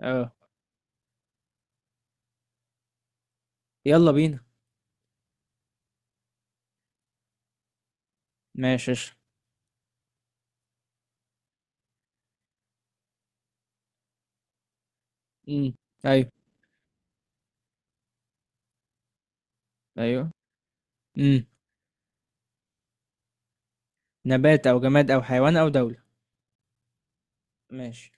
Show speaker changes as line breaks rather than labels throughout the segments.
آه. يلا بينا. ماشي قشطة. امم. ايوه. ايوه. امم. نبات او جماد او حيوان او دولة. ماشي.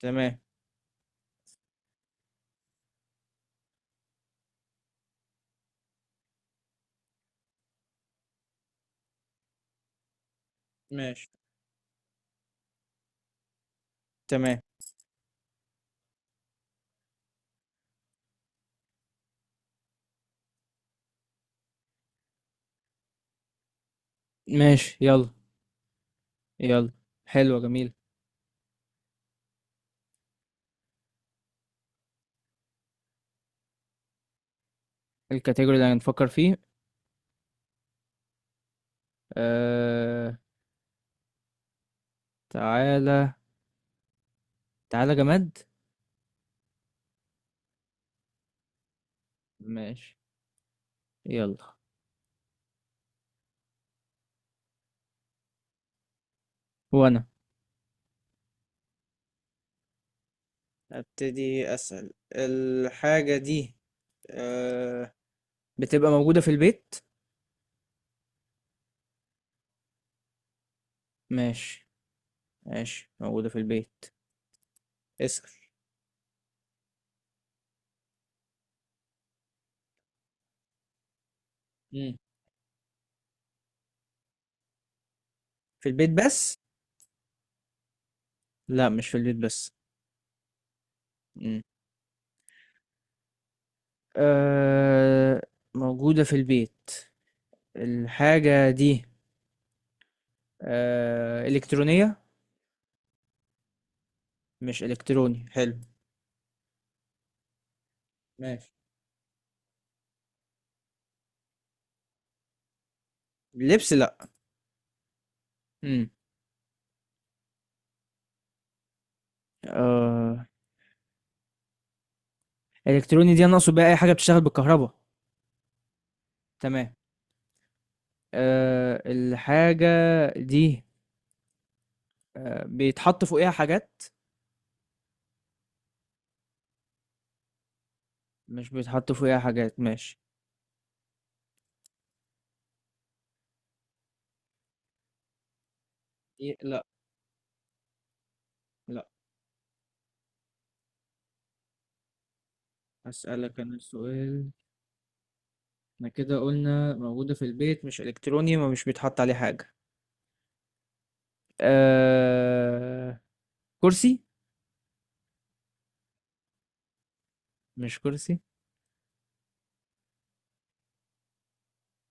تمام. ماشي. تمام. ماشي. يلا. يلا. حلوة جميل. الكاتيجوري اللي هنفكر فيه. آه... تعالى. تعالى جماد. ماشي. يلا وانا ابتدي اسأل الحاجة دي آه... بتبقى موجودة في البيت؟ ماشي. ماشي موجودة في البيت. اسأل. مم. في البيت بس؟ لأ، مش في البيت بس. إمم، آآ موجودة في البيت، الحاجة دي إلكترونية؟ مش إلكتروني، حلو. ماشي. لبس؟ لأ. إمم، آآ إلكتروني دي أنا أقصد بيها أي حاجة بتشتغل بالكهربا. تمام. الحاجة دي بيتحط فوقيها حاجات؟ مش بيتحط فوقيها حاجات، ماشي. لأ. لأ. هاسألك أنا سؤال، إحنا كده قُلنا موجودة في البيت، مش إلكتروني، ما مش بيتحط عليه حاجة. آآ كرسي. مش كرسي.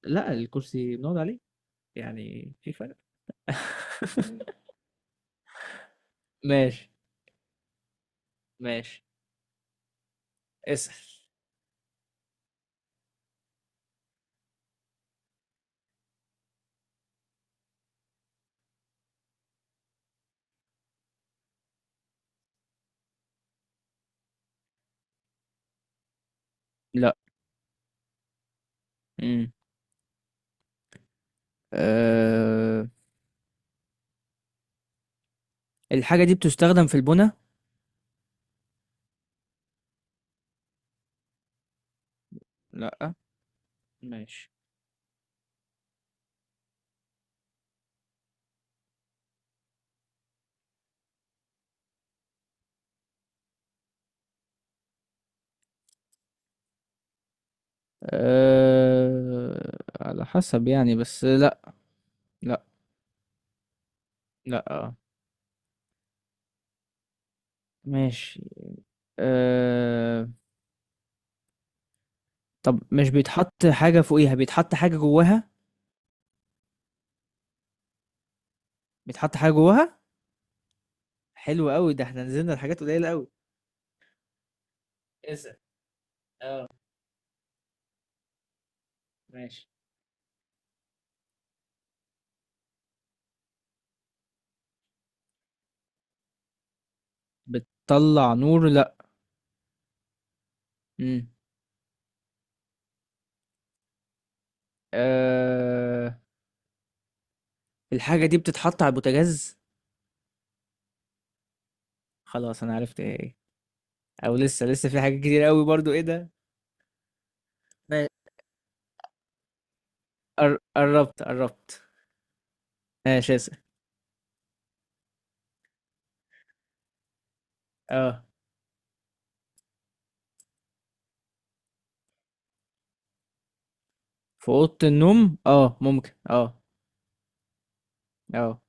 لأ، الكرسي بنقعد عليه، يعني في فرق. ماشي. ماشي. اسأل. لأ. إمم، آآ الحاجة دي بتُستخدم في البُنا؟ لأ. ماشي. على حسب يعني، بس لأ. لأ. لأ. آه. ماشي. آآ طَب مش بيتحط حاجة فوقيها، بيتحط حاجة جواها؟ بيتحط حاجة جواها؟ حلو أوي، ده إحنا نزلنا لحاجات قليلة أوي. اسأل. ماشي. بتطلع نور؟ لا. مم. آه... الحاجة دي بتتحط على البوتاجاز؟ خلاص انا عرفت ايه هي. او لسه لسه في حاجات كتير قوي برضو ايه ده. ما- قربت قربت. ماشي. اسأل. اه. في اوضة النوم؟ اه، ممكن. اه. اه،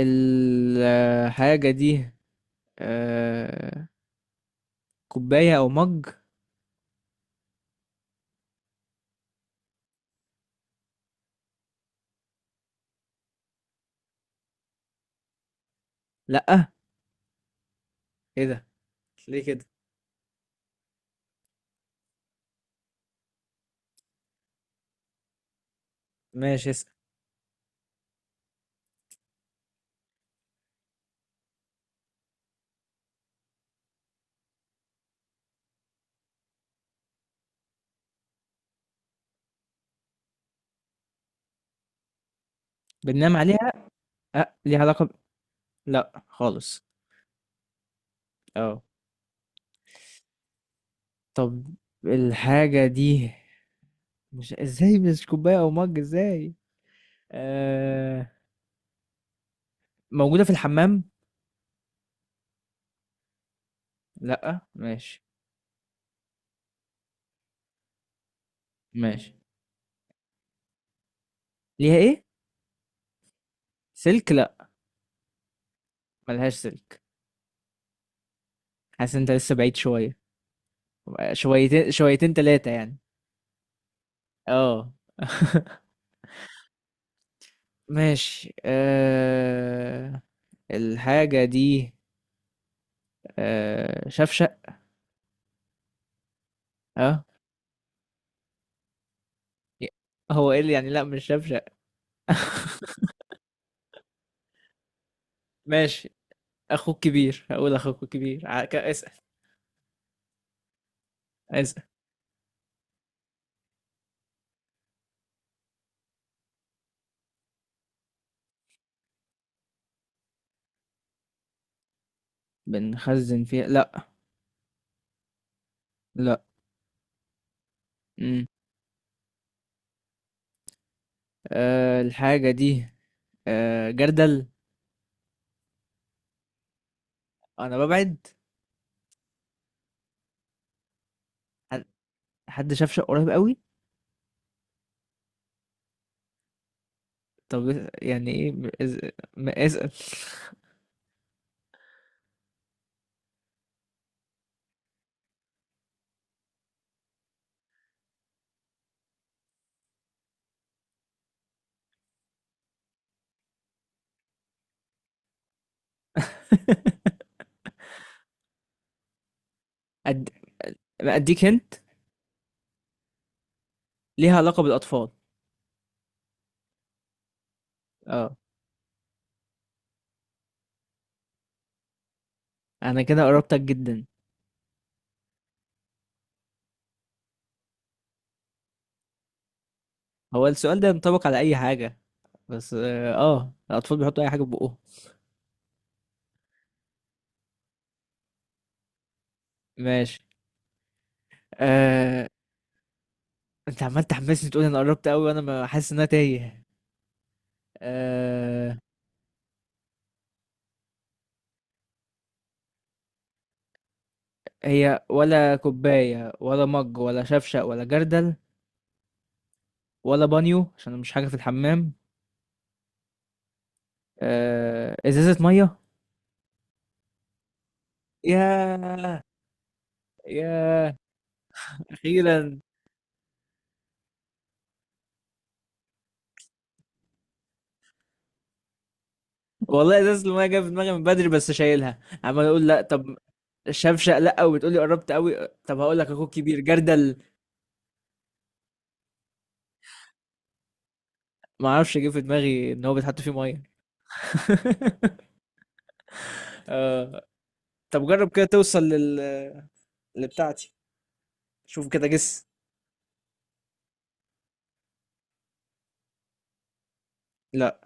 الحاجة دي آه... كوباية او مج؟ لا؟ ايه ده؟ ليه كده؟ ماشي. اسأل. بننام عليها؟ أه. ليها علاقة لا خالص. اه، طب الحاجة دي مش ازاي؟ مش كوباية او مج ازاي؟ آه... موجودة في الحمام؟ لا، ماشي. ماشي. ليها ايه؟ سلك؟ لا، ملهاش سلك. حاسس انت لسه بعيد شوية. شويتين شويتين تلاتة يعني. اه. ماشي. الحاجة دي شفشق؟ اه. هو ايه اللي يعني لا مش شفشق؟ ماشي. اخوك كبير، هقول اخوك كبير. اسأل. اسأل. بنخزن فيها؟ لا. لا. مم. الحاجة دي جردل. أنا ببعد؟ عن- حد شاف شق قريب قوي. طب يعني إيه؟ ما اسأل. أد... ما أديك هنت. ليها علاقة بالأطفال؟ أه. أنا كده قربتك جدا. هو السؤال ده ينطبق على أي حاجة، بس أه آه، الأطفال بيحطوا أي حاجة في بقهم. ماشي. أه... أنت عمال تحمسني تقول أنا قربت قوي وأنا ما حاسس إن أنا تايه. أه... هي ولا كوباية ولا مج ولا شفشق ولا جردل ولا بانيو عشان مش حاجة في الحمام. ازازة مية؟ ياه. ياه. اخيرا. والله ازازه الميه جايه في دماغي من بدري، بس شايلها عمال اقول لا، طب شفشق لا، وبتقولي قربت قوي، طب هقول لك اخوك كبير جردل. ما اعرفش، جه في دماغي ان هو بيتحط فيه ميه. آه. طب جرب كده توصل لبتاعتي. شوف كده، جس. لا.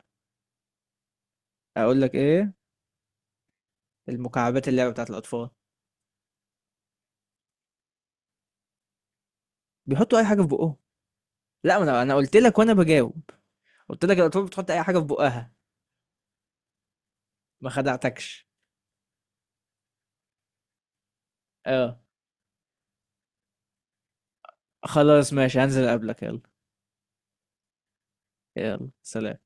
اقول لك ايه، المكعبات، اللعبه بتاعت الاطفال، بيحطوا اي حاجه في بقهم. لا، ما انا قلت لك وانا بجاوب، قلت لك الأطفال بتحط أي حاجة في بقها. ما خدعتكش. اه. خلاص ماشي، هنزل أقابلك. يلا. يلا سلام.